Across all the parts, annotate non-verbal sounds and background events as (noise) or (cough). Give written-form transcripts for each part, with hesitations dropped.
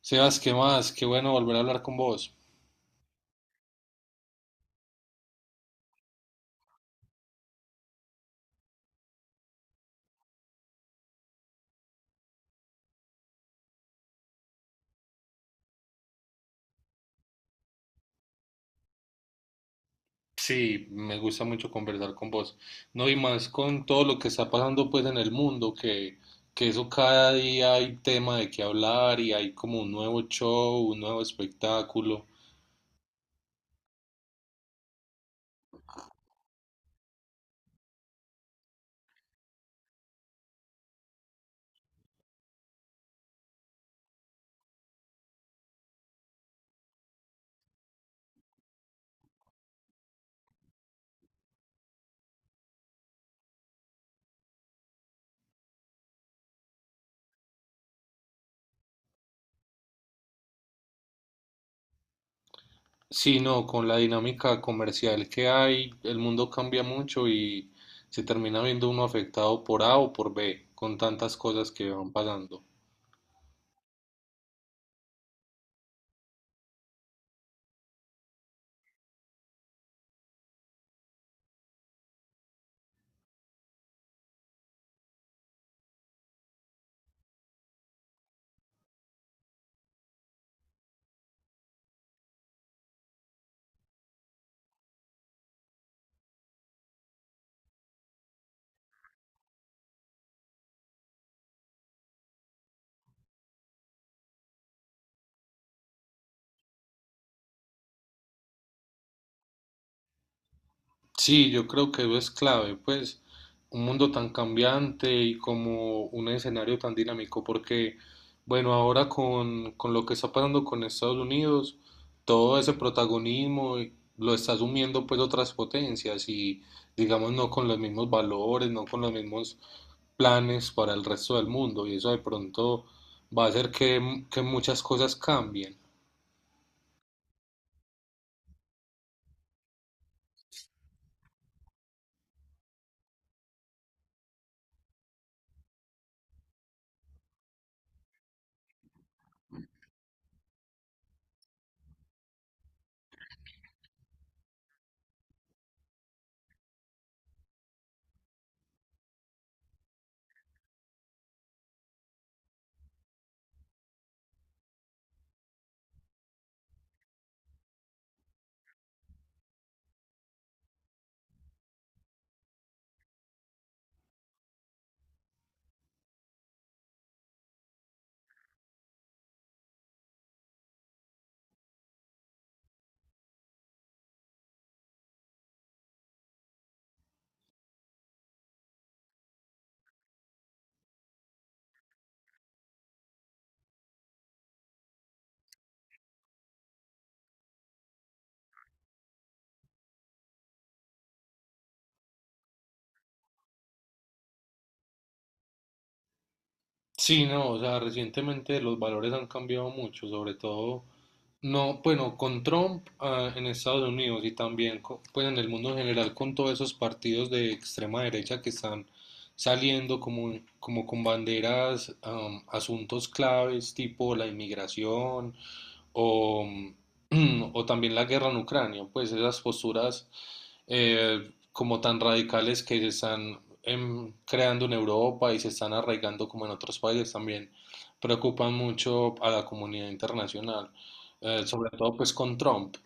Sebas, ¿qué más? Qué bueno volver a hablar con vos. Sí, me gusta mucho conversar con vos. No, y más con todo lo que está pasando pues en el mundo, que eso cada día hay tema de qué hablar y hay como un nuevo show, un nuevo espectáculo. Sí, no, con la dinámica comercial que hay, el mundo cambia mucho y se termina viendo uno afectado por A o por B, con tantas cosas que van pasando. Sí, yo creo que eso es clave, pues un mundo tan cambiante y como un escenario tan dinámico, porque bueno, ahora con lo que está pasando con Estados Unidos, todo ese protagonismo lo está asumiendo pues otras potencias y digamos no con los mismos valores, no con los mismos planes para el resto del mundo y eso de pronto va a hacer que muchas cosas cambien. Sí, no, o sea, recientemente los valores han cambiado mucho, sobre todo, no, bueno, con Trump en Estados Unidos y también, pues en el mundo en general, con todos esos partidos de extrema derecha que están saliendo como con banderas, asuntos claves tipo la inmigración, o, (clears throat) o también la guerra en Ucrania, pues esas posturas como tan radicales que se están creando en Europa y se están arraigando como en otros países también preocupan mucho a la comunidad internacional, sobre todo pues con Trump.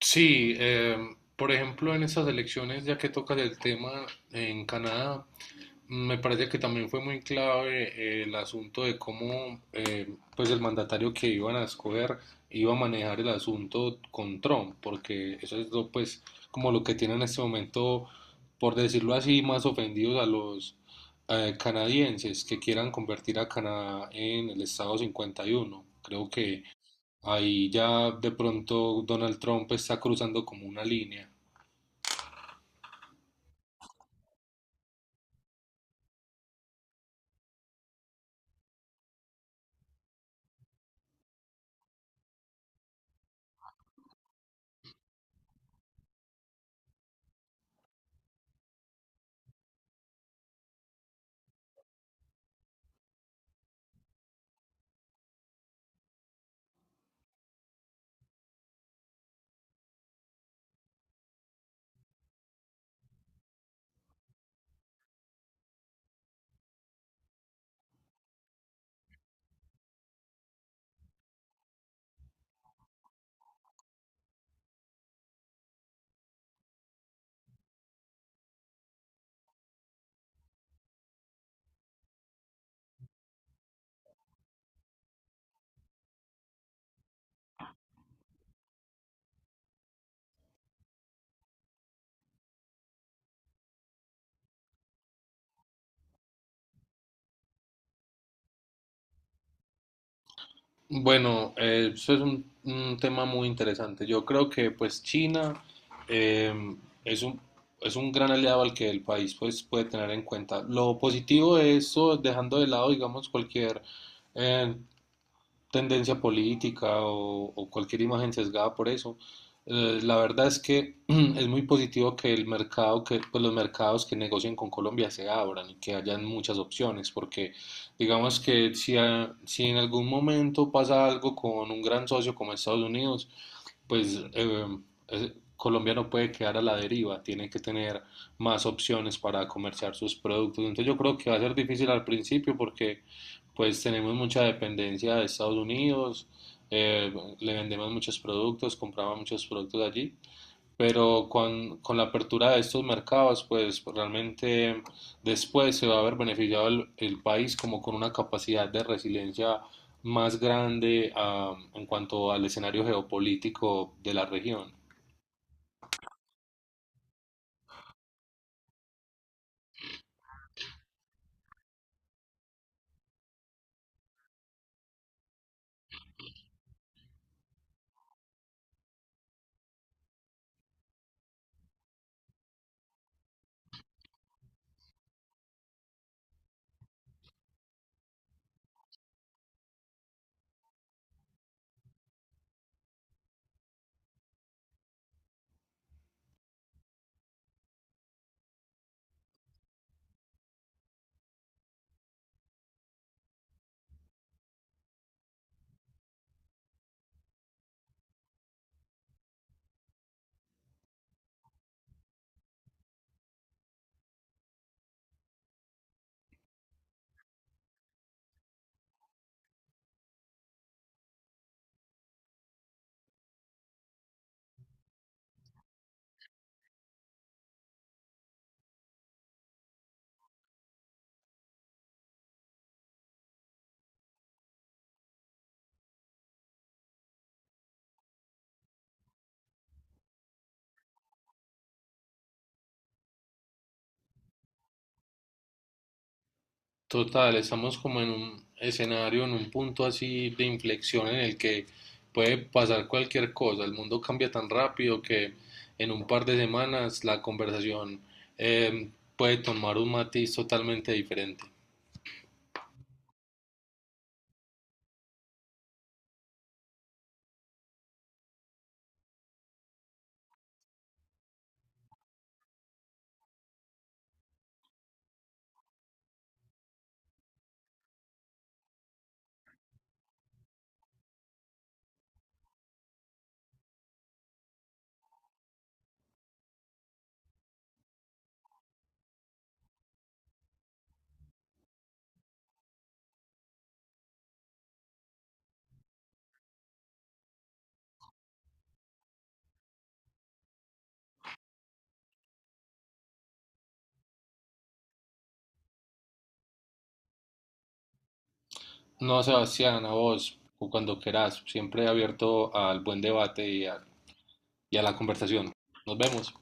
Sí, por ejemplo, en esas elecciones, ya que tocas el tema en Canadá, me parece que también fue muy clave el asunto de cómo pues el mandatario que iban a escoger iba a manejar el asunto con Trump, porque eso es lo, pues como lo que tienen en este momento, por decirlo así, más ofendidos a los canadienses que quieran convertir a Canadá en el Estado 51. Creo que ahí ya de pronto Donald Trump está cruzando como una línea. Bueno, eso es un tema muy interesante. Yo creo que pues China eh, es es un gran aliado al que el país pues puede tener en cuenta. Lo positivo de eso, dejando de lado digamos cualquier eh, tendencia política o cualquier imagen sesgada por eso. La verdad es que (clears throat) es muy positivo que el mercado, que pues los mercados que negocien con Colombia se abran y que hayan muchas opciones, porque digamos que si, si en algún momento pasa algo con un gran socio como Estados Unidos, pues Colombia no puede quedar a la deriva, tiene que tener más opciones para comerciar sus productos. Entonces yo creo que va a ser difícil al principio porque pues tenemos mucha dependencia de Estados Unidos, eh, le vendemos muchos productos, compramos muchos productos allí pero con la apertura de estos mercados, pues realmente después se va a ver beneficiado el país como con una capacidad de resiliencia más grande en cuanto al escenario geopolítico de la región. Total, estamos como en un escenario, en un punto así de inflexión en el que puede pasar cualquier cosa. El mundo cambia tan rápido que en un par de semanas la conversación eh, puede tomar un matiz totalmente diferente. No, Sebastián, a vos, o cuando querás, siempre abierto al buen debate y a la conversación. Nos vemos.